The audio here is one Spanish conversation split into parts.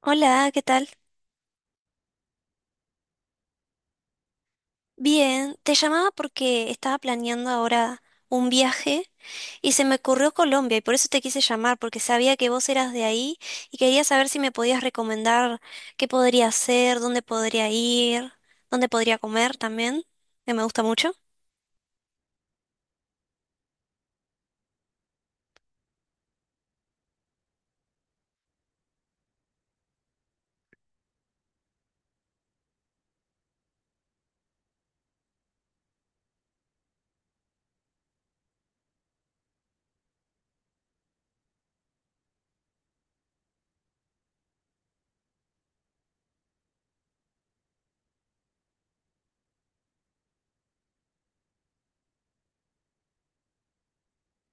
Hola, ¿qué tal? Bien, te llamaba porque estaba planeando ahora un viaje y se me ocurrió Colombia y por eso te quise llamar, porque sabía que vos eras de ahí y quería saber si me podías recomendar qué podría hacer, dónde podría ir, dónde podría comer también, que me gusta mucho.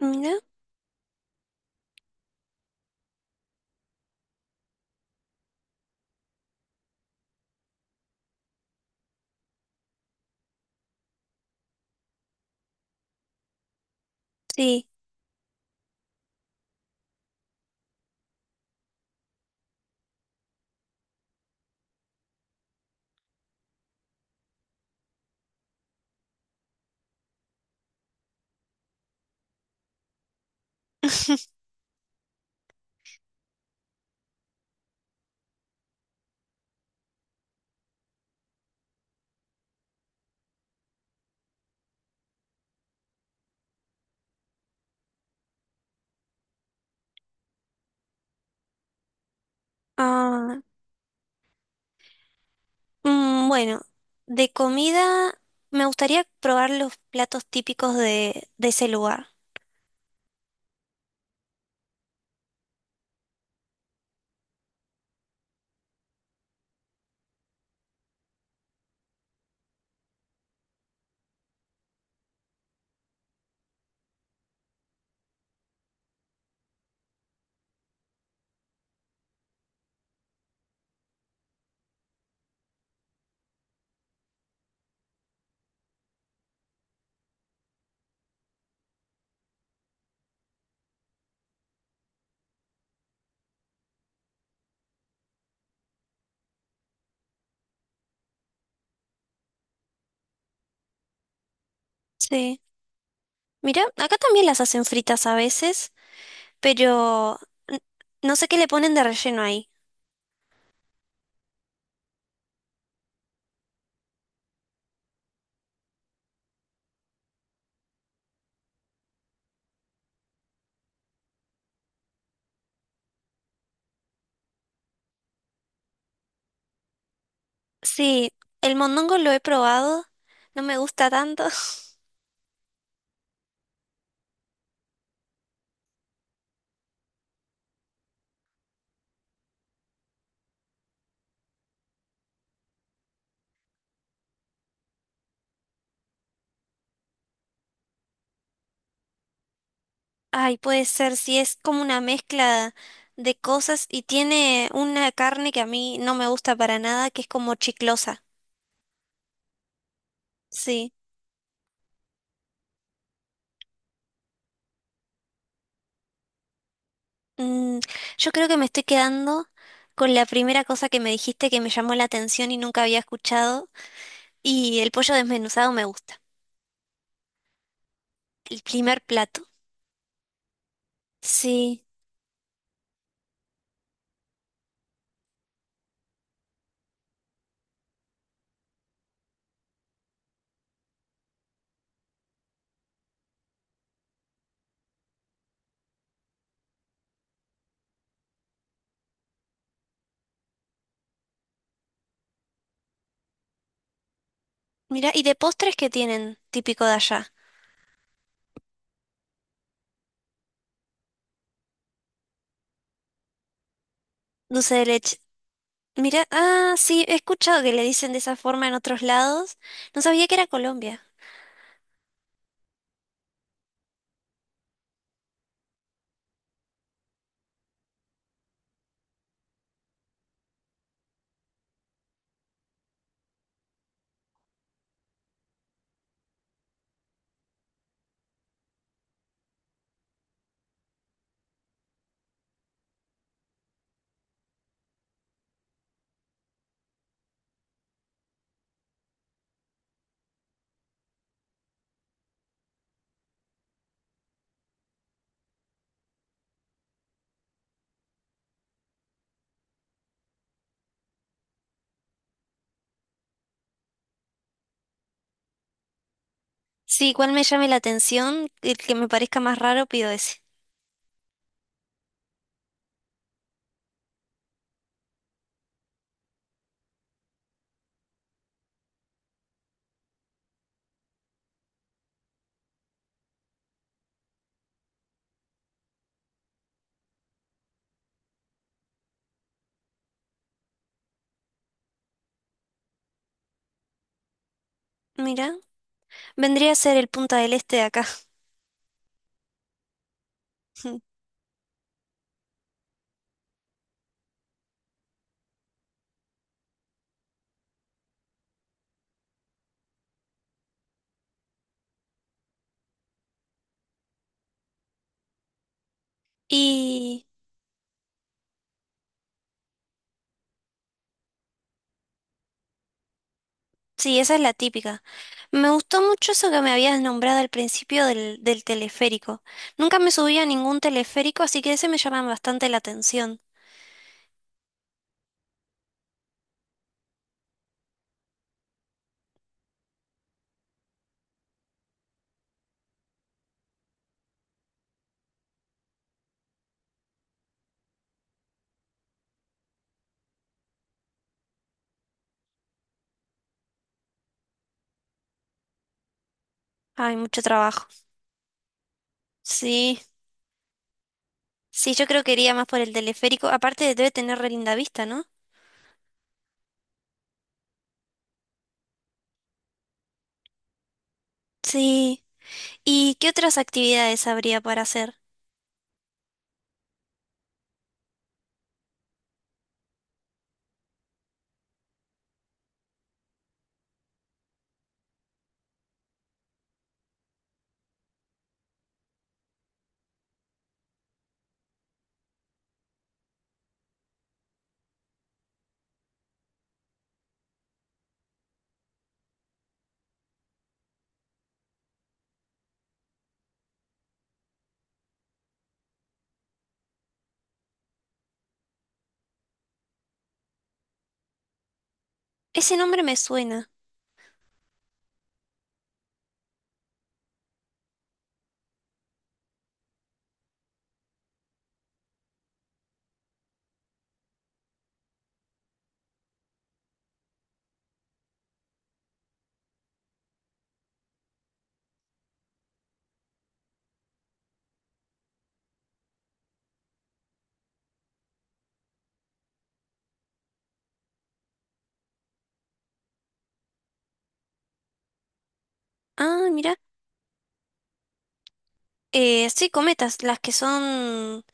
Mira, sí. Ah, bueno, de comida me gustaría probar los platos típicos de ese lugar. Sí. Mira, acá también las hacen fritas a veces, pero n- no sé qué le ponen de relleno ahí. Sí, el mondongo lo he probado, no me gusta tanto. Ay, puede ser, si es como una mezcla de cosas y tiene una carne que a mí no me gusta para nada, que es como chiclosa. Sí. Mm, yo creo que me estoy quedando con la primera cosa que me dijiste que me llamó la atención y nunca había escuchado. Y el pollo desmenuzado me gusta. El primer plato. Sí. Mira, ¿y de postres qué tienen típico de allá? Dulce de leche. Mira, ah, sí, he escuchado que le dicen de esa forma en otros lados. No sabía que era Colombia. Sí, cuál me llame la atención, el que me parezca más raro, pido ese. Mira, vendría a ser el Punta del Este de acá. Y sí, esa es la típica. Me gustó mucho eso que me habías nombrado al principio del teleférico. Nunca me subí a ningún teleférico, así que ese me llama bastante la atención. Hay mucho trabajo. Sí, sí, yo creo que iría más por el teleférico. Aparte debe tener re linda vista, ¿no? Sí. ¿Y qué otras actividades habría para hacer? Ese nombre me suena. Ah, mira. Sí, cometas, las que son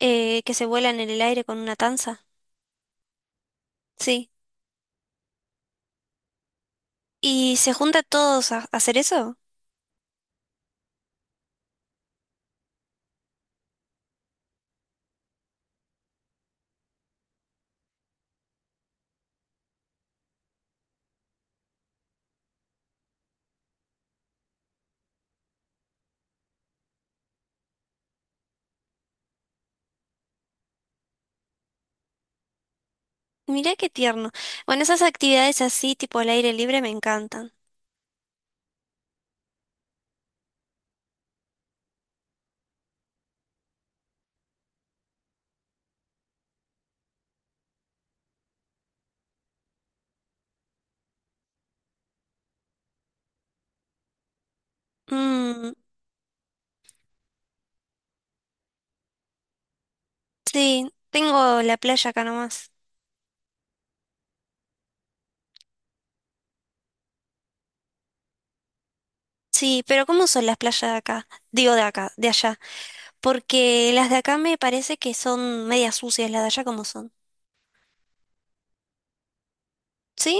que se vuelan en el aire con una tanza. Sí. ¿Y se junta todos a hacer eso? Mirá qué tierno. Bueno, esas actividades así, tipo al aire libre, me encantan. Mm, sí, tengo la playa acá nomás. Sí, pero ¿cómo son las playas de acá? Digo de acá, de allá. Porque las de acá me parece que son medias sucias, las de allá como son. ¿Sí?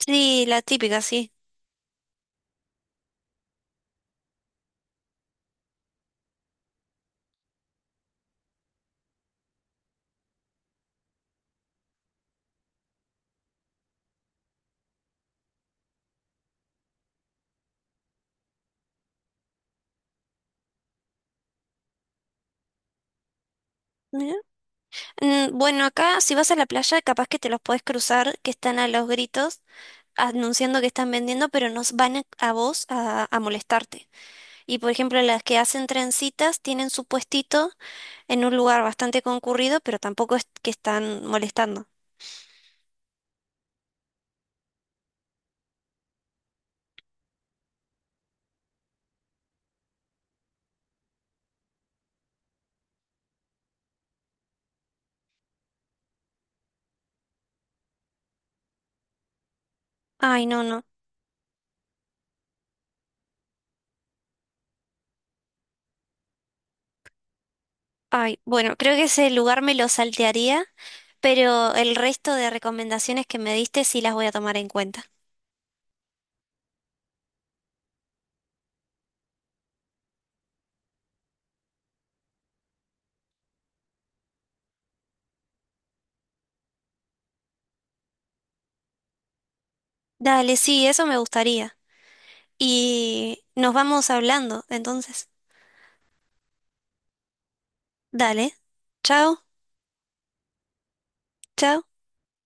Sí, la típica, sí. Mira. Mm, bueno, acá si vas a la playa, capaz que te los podés cruzar, que están a los gritos anunciando que están vendiendo, pero nos van a molestarte. Y por ejemplo, las que hacen trencitas tienen su puestito en un lugar bastante concurrido, pero tampoco es que están molestando. Ay, no, no. Ay, bueno, creo que ese lugar me lo saltearía, pero el resto de recomendaciones que me diste sí las voy a tomar en cuenta. Dale, sí, eso me gustaría. Y nos vamos hablando, entonces. Dale. Chao, chao.